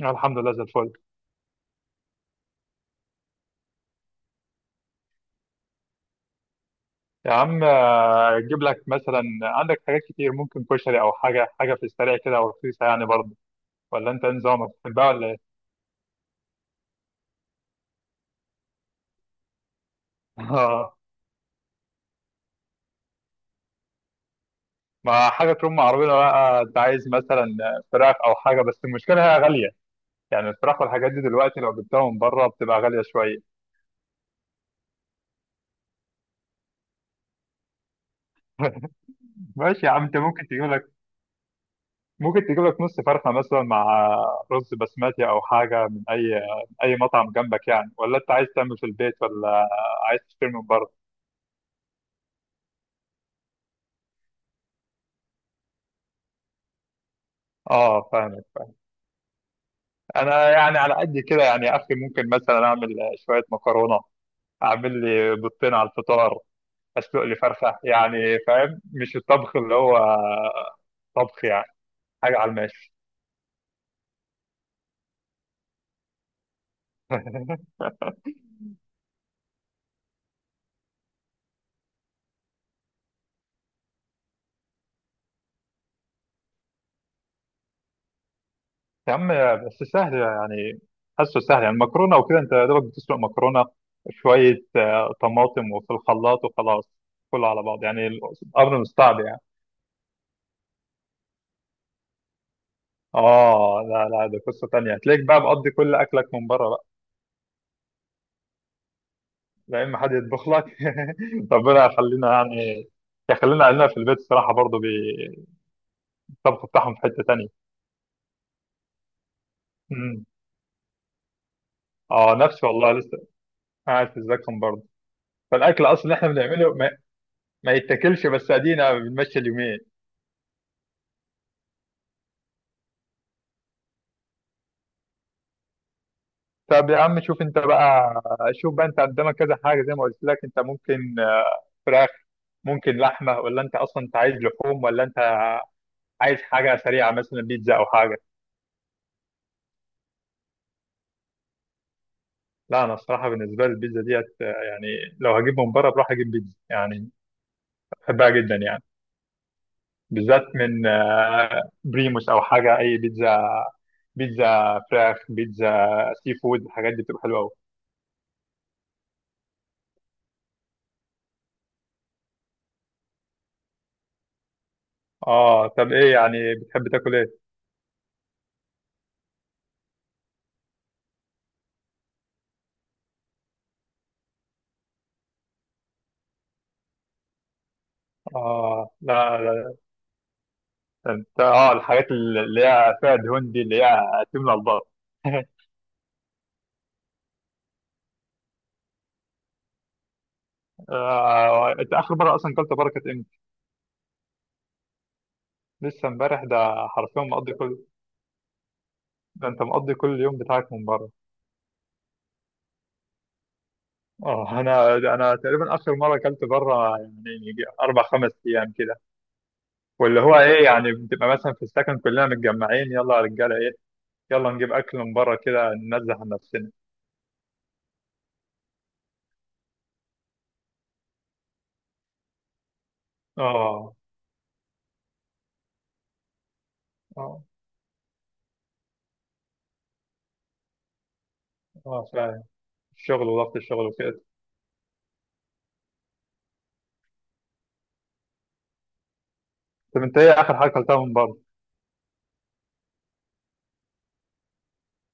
الحمد لله زي الفل. يا عم اجيب لك مثلا عندك حاجات كتير، ممكن كشري او حاجه في السريع كده او رخيصه يعني برضه. ولا انت إيه نظامك، بتحبها ولا ايه؟ آه، ما حاجه تكون معروضه بقى، انت عايز مثلا فراخ او حاجه، بس المشكله هي غاليه. يعني الفراخ والحاجات دي دلوقتي لو جبتها من بره بتبقى غاليه شويه. ماشي يا عم، انت ممكن تجيب لك، ممكن تجيب لك نص فرخه مثلا مع رز بسمتي، او حاجه من اي مطعم جنبك يعني. ولا انت عايز تعمل في البيت، ولا عايز تشتري من بره؟ اه فاهم. انا يعني على قد كده يعني، يا اخي ممكن مثلا اعمل شويه مكرونه، اعمل لي بيضتين على الفطار، اسلق لي فرخه يعني. فاهم مش الطبخ اللي هو طبخ يعني، حاجه على الماشي. يا عم بس سهل يعني، حاسه سهل يعني. المكرونه وكده انت يا دوبك بتسلق مكرونه شويه، طماطم وفي الخلاط وخلاص، كله على بعض يعني. الامر مش صعب يعني. اه، لا لا، ده قصه تانية، هتلاقيك بقى مقضي كل اكلك من بره. لا اما حد يطبخ لك. ربنا يخلينا يعني، يخلينا اهلنا في البيت الصراحه، برضه بالطبخ بتاعهم في حته تانية. امم اه نفسي والله لسه قاعد في الزكم برضه. فالاكل اصلا اللي احنا بنعمله ما يتاكلش، بس ادينا بنمشي اليومين. طب يا عم شوف انت بقى، شوف بقى انت قدامك كذا حاجه زي ما قلت لك، انت ممكن فراخ، ممكن لحمه. ولا انت اصلا انت عايز لحوم، ولا انت عايز حاجه سريعه مثلا بيتزا او حاجه؟ لا انا الصراحه بالنسبه لي البيتزا ديت يعني، لو هجيب من بره بروح اجيب بيتزا يعني. بحبها جدا يعني، بالذات من بريموس او حاجه. اي بيتزا، بيتزا فراخ، بيتزا سي فود، الحاجات دي بتبقى حلوه قوي. اه طب ايه يعني بتحب تاكل ايه؟ اه لا لا لا، انت اه الحاجات اللي هي فيها دهون دي اللي هي تملى البطن. انت اخر مره اصلا كلت بره كانت امتى؟ لسه امبارح ده؟ حرفيا مقضي كل، ده انت مقضي كل يوم بتاعك من بره. اه انا تقريبا اخر مره اكلت بره يعني يجي اربع خمس ايام كده. واللي هو ايه يعني، بتبقى مثلا في السكن كلنا متجمعين، يلا يا رجاله ايه، يلا نجيب اكل من بره كده، ننزه عن نفسنا. اه اه، اه فعلا، الشغل وضغط الشغل وكده. طب انت ايه اخر حاجه اكلتها من بره؟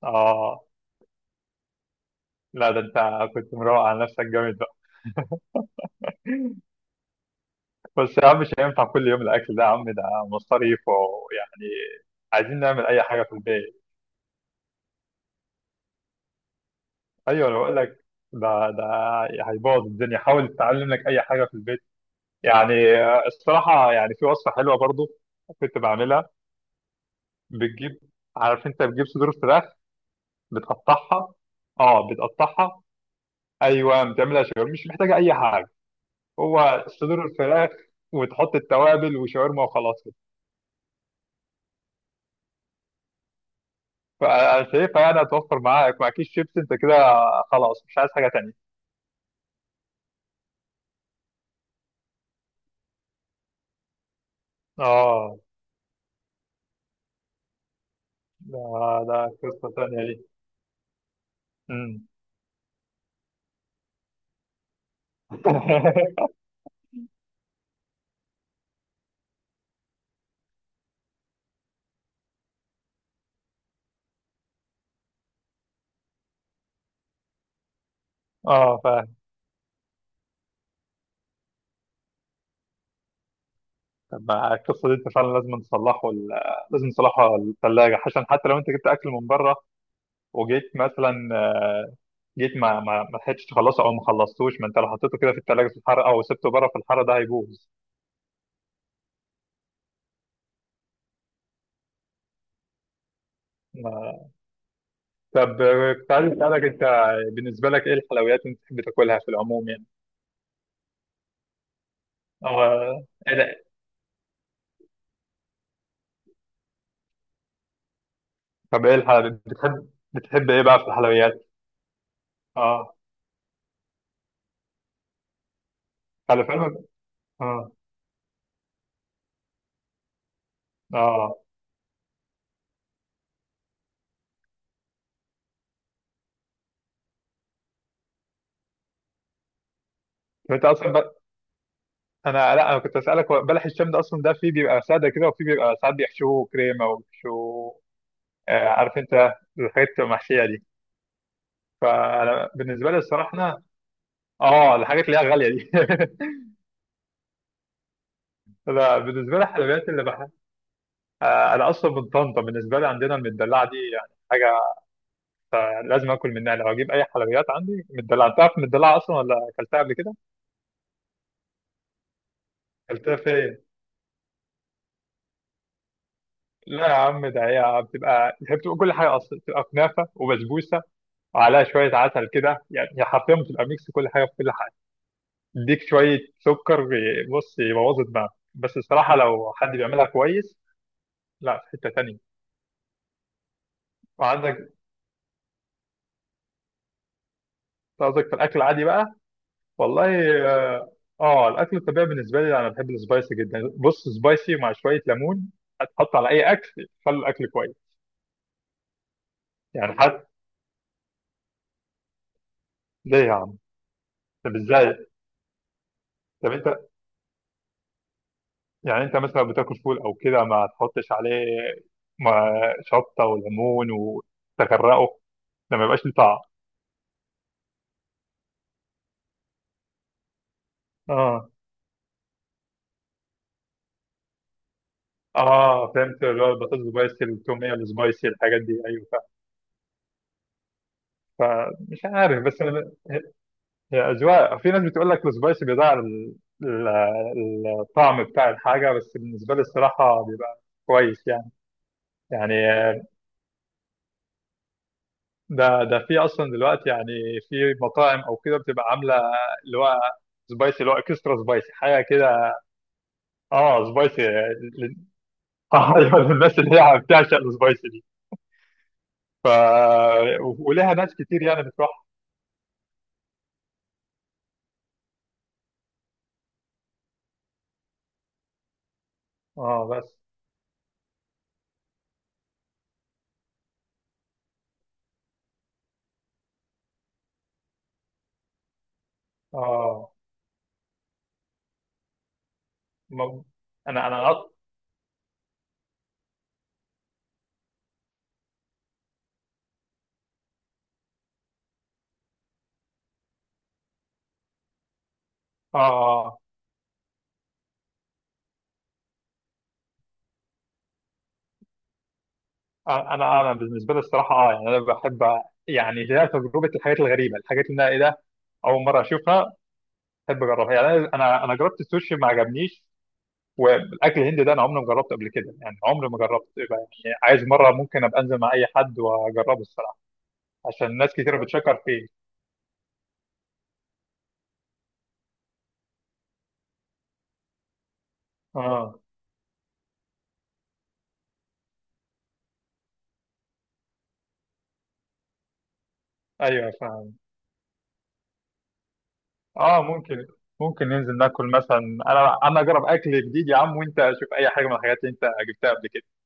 اه لا ده انت كنت مروق على نفسك جامد بقى. بس يا عم مش هينفع كل يوم الاكل ده، يا عم ده مصاريف ويعني، عايزين نعمل اي حاجه في البيت. ايوه انا بقول لك، ده هيبوظ الدنيا، حاول تتعلم لك اي حاجه في البيت. يعني الصراحة يعني في وصفة حلوة برضو، كنت بعملها. بتجيب، عارف انت بتجيب صدور فراخ، بتقطعها. اه بتقطعها، ايوه بتعملها شاورما، مش محتاجة اي حاجة. هو صدور الفراخ وتحط التوابل وشاورما وخلاص كده. فانا شايفها يعني هتوفر معاك مع كيس شيبس انت كده، خلاص مش عايز حاجة تانية. اه ده ده قصة تانية دي. مم. اه طب ما القصه دي انت فعلا لازم تصلحه لازم تصلحه الثلاجه، عشان حتى لو انت جبت اكل من بره وجيت مثلا، جيت ما لحقتش تخلصه او ما خلصتوش، ما انت لو حطيته كده في الثلاجه في الحر او سبته بره في الحر ده هيبوظ. ما- طب كنت عايز اسالك انت، بالنسبه لك ايه الحلويات اللي بتحب تاكلها في العموم يعني؟ اه ايه ده؟ طب ايه الحلويات بتحب ايه بقى في الحلويات؟ اه على فعلا. اه اه طب انت اصلا، انا لا انا كنت اسالك هو بلح الشام ده اصلا ده فيه بيبقى ساده كده، وفيه بيبقى ساعات بيحشوه كريمه وبيحشوه عارف انت الحاجات بتبقى محشيه دي. فانا بالنسبه لي الصراحه اه الحاجات اللي هي غاليه دي. لا بالنسبه لي الحلويات انا اصلا من طنطا، بالنسبه لي عندنا المدلعه دي يعني حاجه، يعني لازم اكل منها لو اجيب اي حلويات. عندي مدلعه، انت عارف المدلعه اصلا، ولا اكلتها قبل كده؟ اكلتها فين؟ لا يا عم ده هي بتبقى كل حاجه اصلا بتبقى كنافه وبسبوسه وعليها شوية عسل كده يعني. هي حرفيا بتبقى ميكس كل حاجة في كل حاجة، اديك شوية سكر بص يبوظ دماغك بس الصراحة لو حد بيعملها كويس. لا في حتة تانية. وعندك، قصدك في الأكل العادي بقى؟ والله، اه الأكل الطبيعي بالنسبة لي أنا بحب السبايسي جدا، بص سبايسي مع شوية ليمون هتحط على أي أكل خلي الأكل كويس. يعني حد، ليه يا عم؟ طب إزاي؟ طب أنت، يعني أنت مثلا بتاكل فول أو كده ما تحطش عليه، ما شطة وليمون وتغرقه؟ ده ما يبقاش ليه طعم. اه، اه فهمت اللي هو البطاطس سبايسي التوميه السبايسي الحاجات دي، ايوه فاهم. فمش عارف بس انا هي، هي اذواق في ناس بتقول لك السبايسي بيضيع الطعم بتاع الحاجه، بس بالنسبه لي الصراحه بيبقى كويس يعني. يعني ده في اصلا دلوقتي يعني في مطاعم او كده بتبقى عامله اللي هو سبايسي، اللي هو اكسترا سبايسي حاجه كده. اه سبايسي لل- اه ايوه للناس اللي هي بتعشق السبايسي دي. ف ولها ناس كتير يعني بتروح. اه بس اه ما- انا انا أط... اه انا بالنسبه لي الصراحه اه يعني انا بحب، يعني هي تجربه الحاجات الغريبه الحاجات اللي انا ايه ده اول مره اشوفها، بحب اجربها يعني. انا انا جربت السوشي ما عجبنيش. والاكل الهندي ده انا عمري ما جربته قبل كده يعني عمري ما جربت يبقى يعني، عايز مره ممكن ابقى انزل مع اي حد واجربه الصراحه عشان ناس كتير بتشكر فيه. اه ايوه، اه ممكن، ممكن ننزل ناكل مثلا. انا اجرب اكل جديد يا عم، وانت اشوف اي حاجه من الحاجات اللي انت جبتها قبل كده.